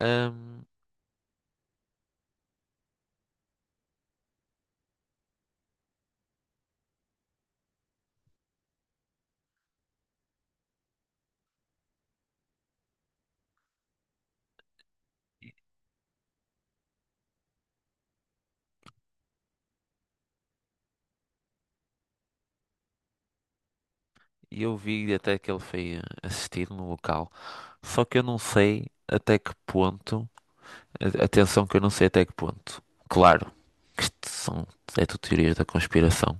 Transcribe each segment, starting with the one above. Ahm, E eu vi até que ele foi assistir no local. Só que eu não sei até que ponto. Atenção, que eu não sei até que ponto. Claro que isto são, é tudo teorias da conspiração.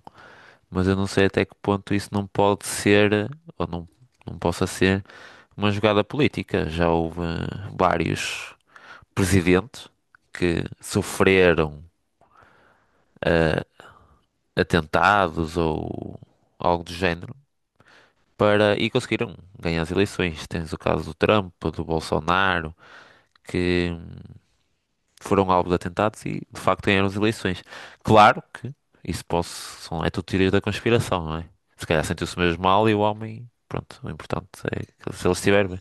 Mas eu não sei até que ponto isso não pode ser, ou não, não possa ser, uma jogada política. Já houve vários presidentes que sofreram eh, atentados ou algo do género para e conseguiram ganhar as eleições. Tens o caso do Trump, do Bolsonaro, que foram alvo de atentados e de facto ganharam as eleições. Claro que isso posso, são, é tudo teoria da conspiração, não é? Se calhar sentiu-se mesmo mal e o homem, pronto, o importante é que se ele estiver bem,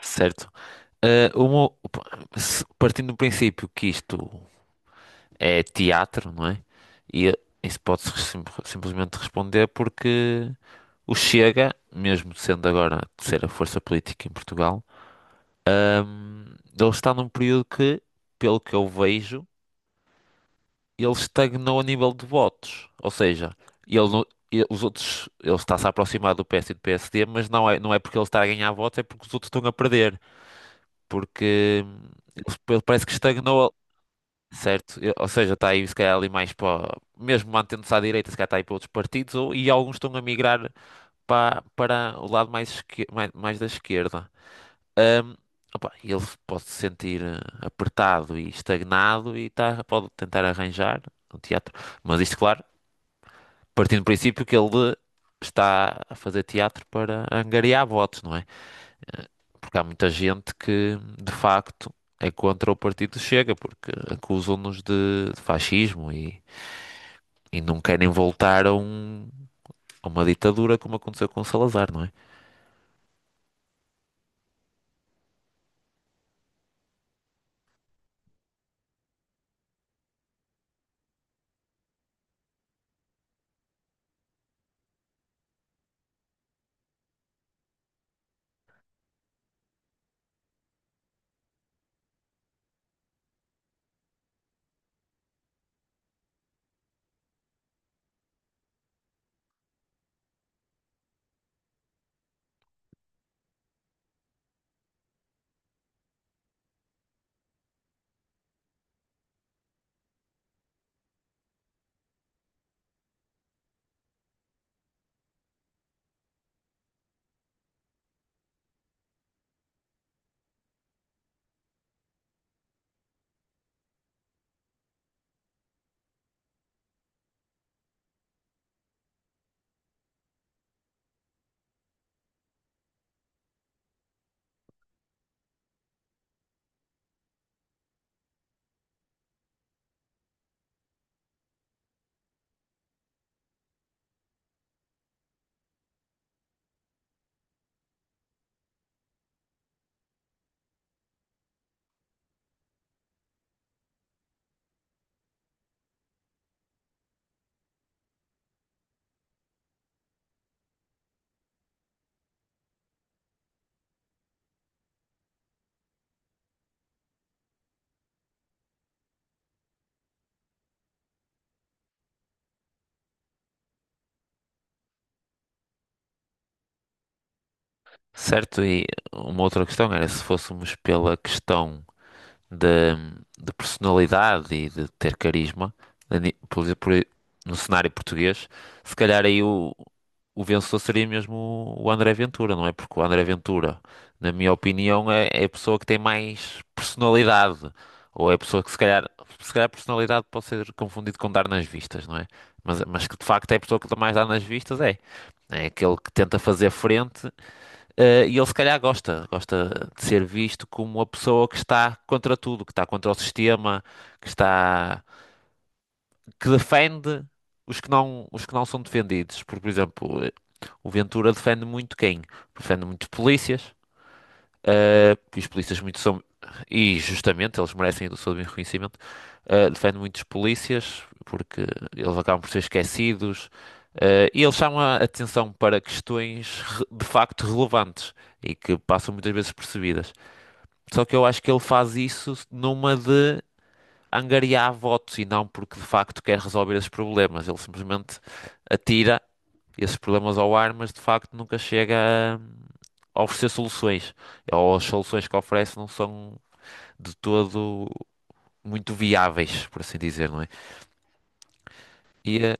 certo? Ah, partindo do princípio que isto é teatro, não é? E isso pode-se simplesmente responder porque o Chega, mesmo sendo agora a terceira força política em Portugal, ele está num período que, pelo que eu vejo, ele estagnou a nível de votos. Ou seja, ele, não- ele- os outros, ele está-se a aproximar do PS e do PSD, mas não é porque ele está a ganhar votos, é porque os outros estão a perder. Porque ele parece que estagnou, certo? Ou seja, está aí se calhar ali mais para, mesmo mantendo-se à direita, se calhar está aí para outros partidos, ou, e alguns estão a migrar para o lado mais, mais da esquerda. Ahm, Opa, ele pode se sentir apertado e estagnado e tá, pode tentar arranjar um teatro, mas isto, claro, partindo do princípio que ele está a fazer teatro para angariar votos, não é? Porque há muita gente que, de facto, é contra o partido Chega, porque acusam-nos de fascismo e. E não querem voltar a, a uma ditadura como aconteceu com o Salazar, não é? Certo, e uma outra questão era se fôssemos pela questão de, de personalidade e de ter carisma, por exemplo, no cenário português, se calhar aí o vencedor seria mesmo o André Ventura, não é? Porque o André Ventura, na minha opinião, é, é a pessoa que tem mais personalidade. Ou é a pessoa que se calhar personalidade pode ser confundido com dar nas vistas, não é? Mas que de facto é a pessoa que mais dá nas vistas, é. É aquele que tenta fazer frente e ele se calhar gosta de ser visto como uma pessoa que está contra tudo, que está contra o sistema, que está, que defende os que não são defendidos. Porque, por exemplo, o Ventura defende muito quem? Defende muito polícias. Porque os polícias muito são. E justamente eles merecem o seu reconhecimento. Defende muitos polícias porque eles acabam por ser esquecidos. E eles chamam a atenção para questões de facto relevantes e que passam muitas vezes percebidas. Só que eu acho que ele faz isso numa de angariar votos e não porque de facto quer resolver esses problemas. Ele simplesmente atira esses problemas ao ar, mas de facto nunca chega a oferecer soluções. Ou as soluções que oferece não são de todo muito viáveis, por assim dizer, não é? E, eh,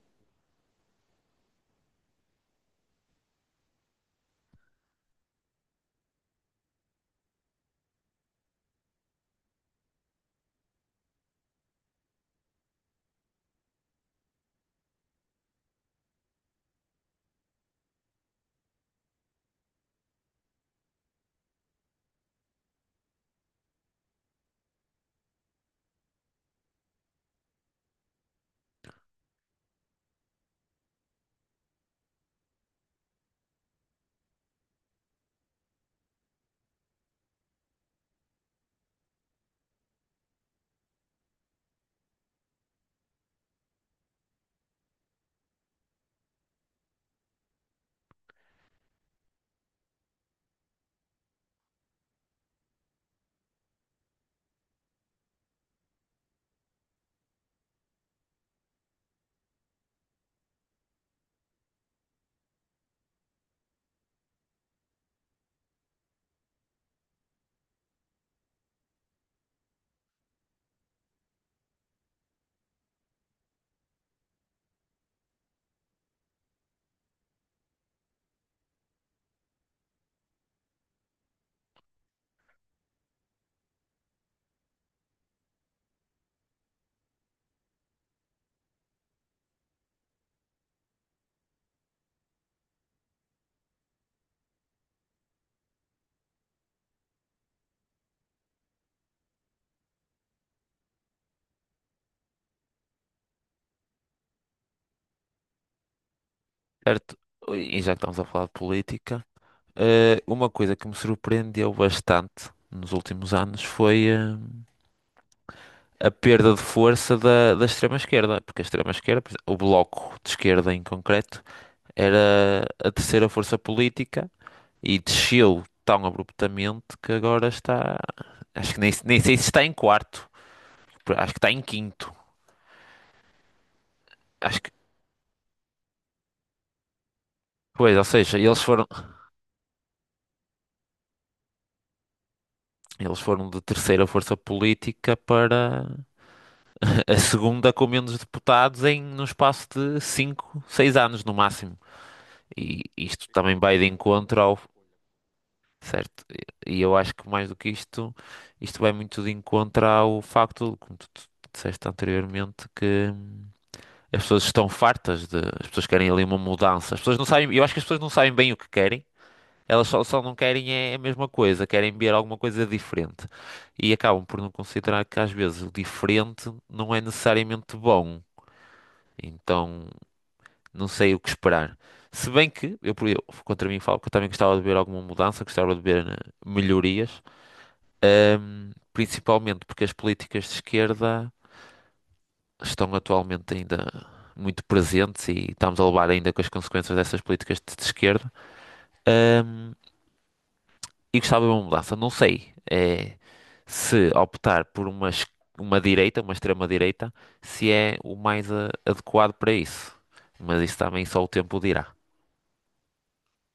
Certo, e já que estamos a falar de política, uma coisa que me surpreendeu bastante nos últimos anos foi a perda de força da extrema-esquerda, porque a extrema-esquerda, por exemplo, o Bloco de Esquerda em concreto, era a terceira força política. E desceu tão abruptamente que agora está. Acho que nem sei se está em quarto. Acho que está em quinto. Acho que. Pois, ou seja, eles foram, de terceira força política para a segunda com menos deputados num espaço de 5 6 anos no máximo. E isto também vai de encontro ao. Certo? E eu acho que mais do que isto vai muito de encontro ao facto, como tu disseste anteriormente, que. As pessoas estão fartas de. As pessoas querem ali uma mudança. As pessoas não sabem. Eu acho que as pessoas não sabem bem o que querem. Elas só, só não querem é a mesma coisa. Querem ver alguma coisa diferente. E acabam por não considerar que às vezes o diferente não é necessariamente bom. Então não sei o que esperar. Se bem que, eu, eu contra mim falo que eu também gostava de ver alguma mudança, gostava de ver melhorias. Principalmente porque as políticas de esquerda estão atualmente ainda muito presentes e estamos a levar ainda com as consequências dessas políticas de esquerda. Ahm, e gostava de uma mudança. Não sei se optar por uma direita, uma extrema-direita, se é o mais adequado para isso. Mas isso também só o tempo dirá.